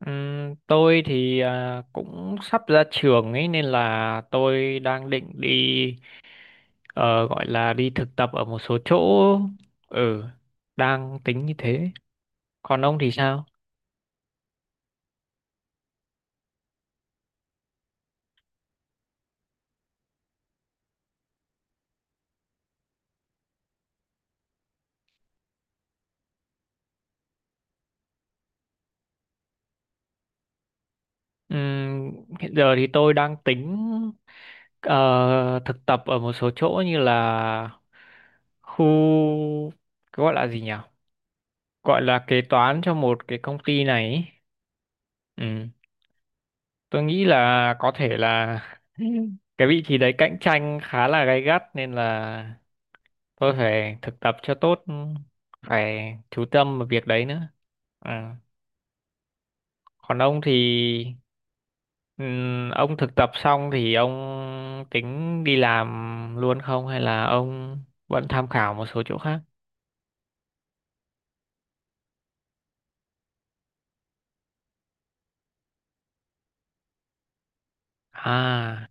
Tôi thì cũng sắp ra trường ấy nên là tôi đang định đi ờ, gọi là đi thực tập ở một số chỗ. Ừ, đang tính như thế. Còn ông thì sao? Ừm, Hiện giờ thì tôi đang tính ờ, thực tập ở một số chỗ như là khu, gọi là gì nhỉ, gọi là kế toán cho một cái công ty này ấy. Ừ. Tôi nghĩ là có thể là cái vị trí đấy cạnh tranh khá là gay gắt nên là tôi phải thực tập cho tốt, phải chú tâm vào việc đấy nữa. À, còn ông thì ông thực tập xong thì ông tính đi làm luôn không hay là ông vẫn tham khảo một số chỗ khác? À,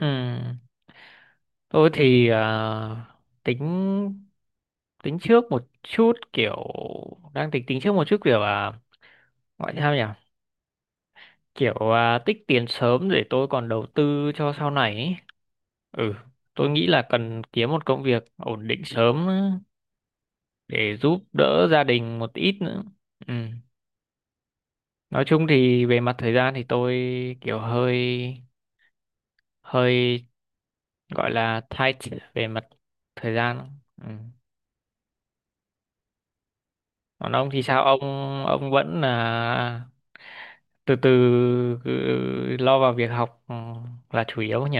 ừm, tôi thì tính tính trước một chút, kiểu đang tính tính trước một chút, kiểu gọi sao nhỉ, kiểu tích tiền sớm để tôi còn đầu tư cho sau này ấy. Ừ, tôi nghĩ là cần kiếm một công việc ổn định sớm để giúp đỡ gia đình một ít nữa. Ừ. Nói chung thì về mặt thời gian thì tôi kiểu hơi hơi, gọi là tight về mặt thời gian. Ừ. Còn ông thì sao Ông vẫn là từ từ cứ lo vào việc học, ừ, là chủ yếu nhỉ.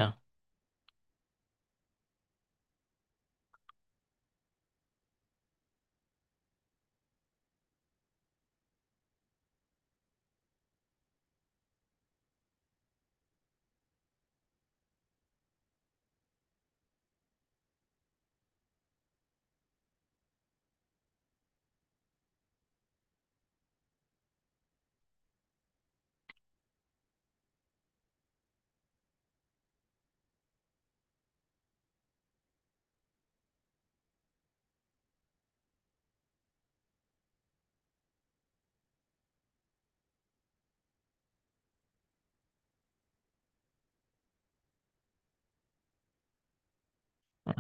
Ừ.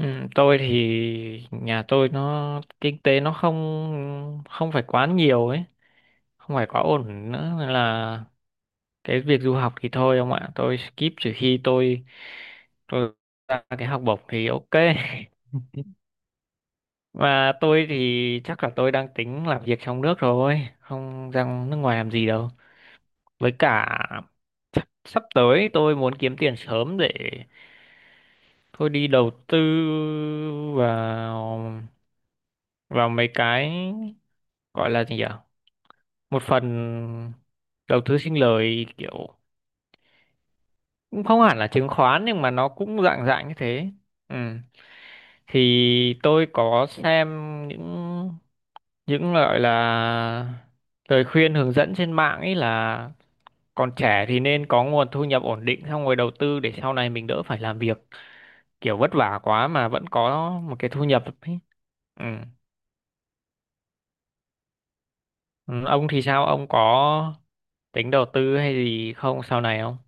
Ừ, tôi thì nhà tôi nó kinh tế nó không không phải quá nhiều ấy, không phải quá ổn nữa, nên là cái việc du học thì thôi ông ạ, tôi skip trừ khi tôi ra cái học bổng thì ok. Và tôi thì chắc là tôi đang tính làm việc trong nước rồi, không ra nước ngoài làm gì đâu. Với cả chắc sắp tới tôi muốn kiếm tiền sớm để tôi đi đầu tư vào vào mấy cái, gọi là gì nhỉ, một phần đầu tư sinh lời, kiểu cũng không hẳn là chứng khoán nhưng mà nó cũng dạng dạng như thế. Ừ. Thì tôi có xem những những gọi là lời khuyên hướng dẫn trên mạng ấy, là còn trẻ thì nên có nguồn thu nhập ổn định xong rồi đầu tư để sau này mình đỡ phải làm việc, kiểu vất vả quá mà vẫn có một cái thu nhập ấy. Ừ. Ừ, ông thì sao? Ông có tính đầu tư hay gì không, sau này không?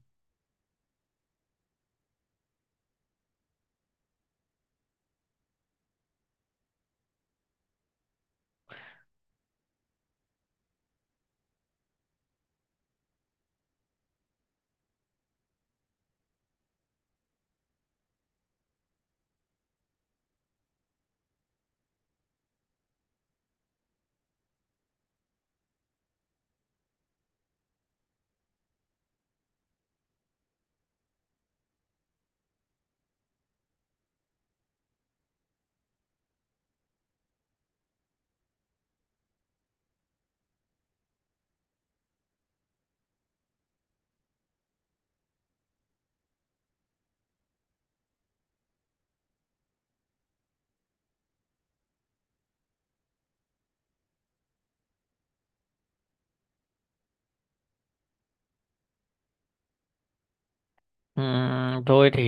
Tôi thì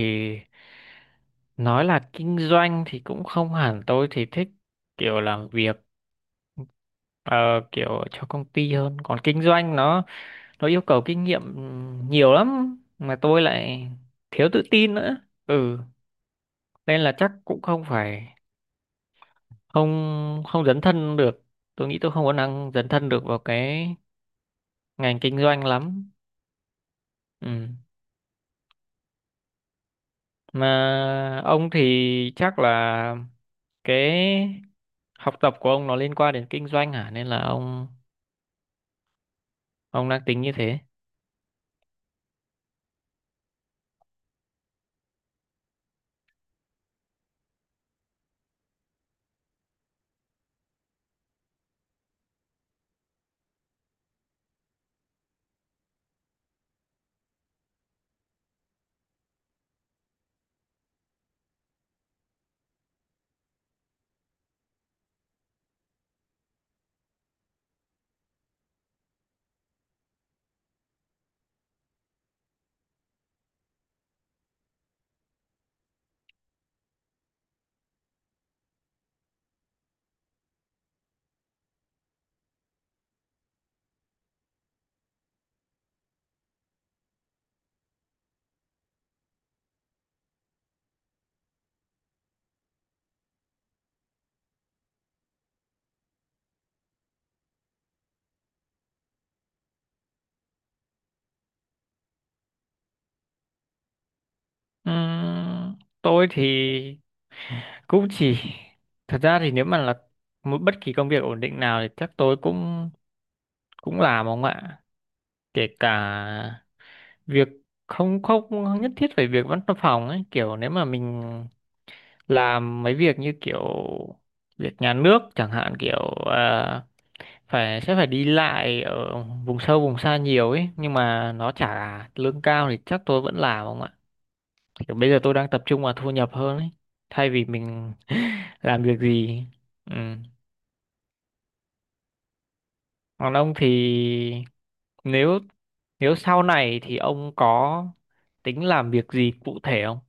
nói là kinh doanh thì cũng không hẳn, tôi thì thích kiểu làm việc ờ, kiểu cho công ty hơn. Còn kinh doanh nó yêu cầu kinh nghiệm nhiều lắm mà tôi lại thiếu tự tin nữa, ừ, nên là chắc cũng không phải, không không dấn thân được. Tôi nghĩ tôi không có năng dấn thân được vào cái ngành kinh doanh lắm. Ừ. Mà ông thì chắc là cái học tập của ông nó liên quan đến kinh doanh hả, nên là ông đang tính như thế. Ừm, tôi thì cũng chỉ, thật ra thì nếu mà là một bất kỳ công việc ổn định nào thì chắc tôi cũng cũng làm ông ạ, kể cả việc không không nhất thiết phải việc văn phòng ấy, kiểu nếu mà mình làm mấy việc như kiểu việc nhà nước chẳng hạn, kiểu à, phải sẽ phải đi lại ở vùng sâu vùng xa nhiều ấy nhưng mà nó trả lương cao thì chắc tôi vẫn làm không ạ, kiểu bây giờ tôi đang tập trung vào thu nhập hơn ấy, thay vì mình làm việc gì. Ừ. Còn ông thì, nếu nếu sau này thì ông có tính làm việc gì cụ thể không?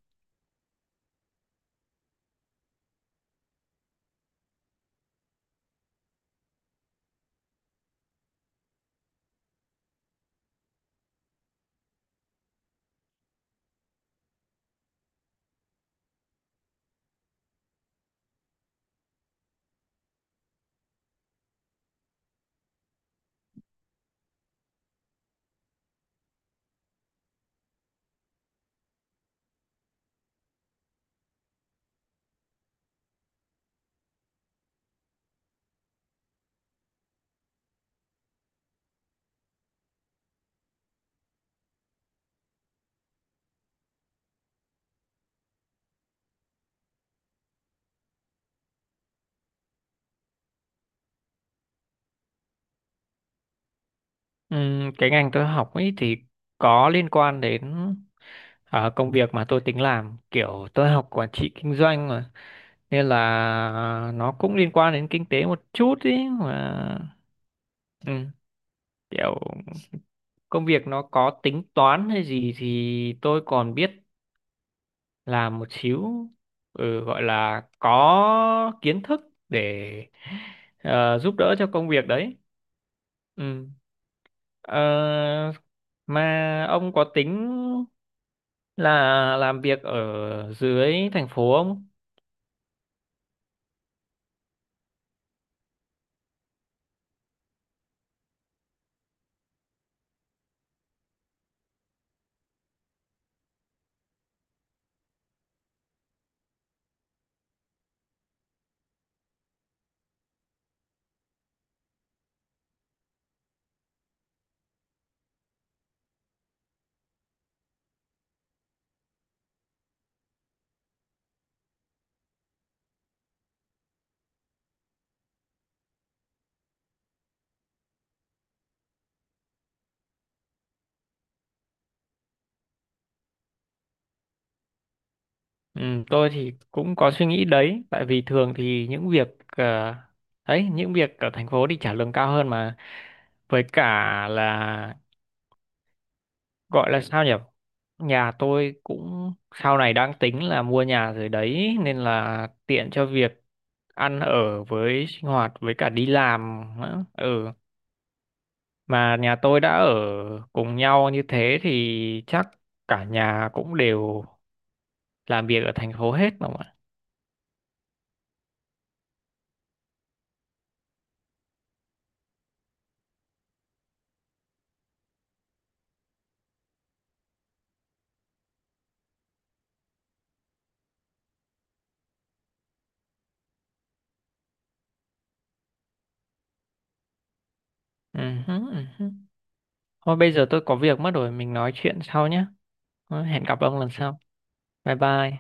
Ừ, cái ngành tôi học ấy thì có liên quan đến công việc mà tôi tính làm, kiểu tôi học quản trị kinh doanh nên là nó cũng liên quan đến kinh tế một chút ý. Mà ừ, kiểu công việc nó có tính toán hay gì thì tôi còn biết làm một xíu, ừ, gọi là có kiến thức để giúp đỡ cho công việc đấy. Ừ. Ờ, mà ông có tính là làm việc ở dưới thành phố không? Ừ, tôi thì cũng có suy nghĩ đấy, tại vì thường thì những việc ờ, ấy, những việc ở thành phố thì trả lương cao hơn mà, với cả là, gọi là sao nhỉ? Nhà tôi cũng sau này đang tính là mua nhà rồi đấy nên là tiện cho việc ăn ở với sinh hoạt với cả đi làm nữa. Ừ, mà nhà tôi đã ở cùng nhau như thế thì chắc cả nhà cũng đều làm việc ở thành phố hết đúng không ạ? Ừ. Hứ, ừ hứ. Thôi bây giờ tôi có việc mất rồi, mình nói chuyện sau nhé. Hẹn gặp ông lần sau. Bye bye.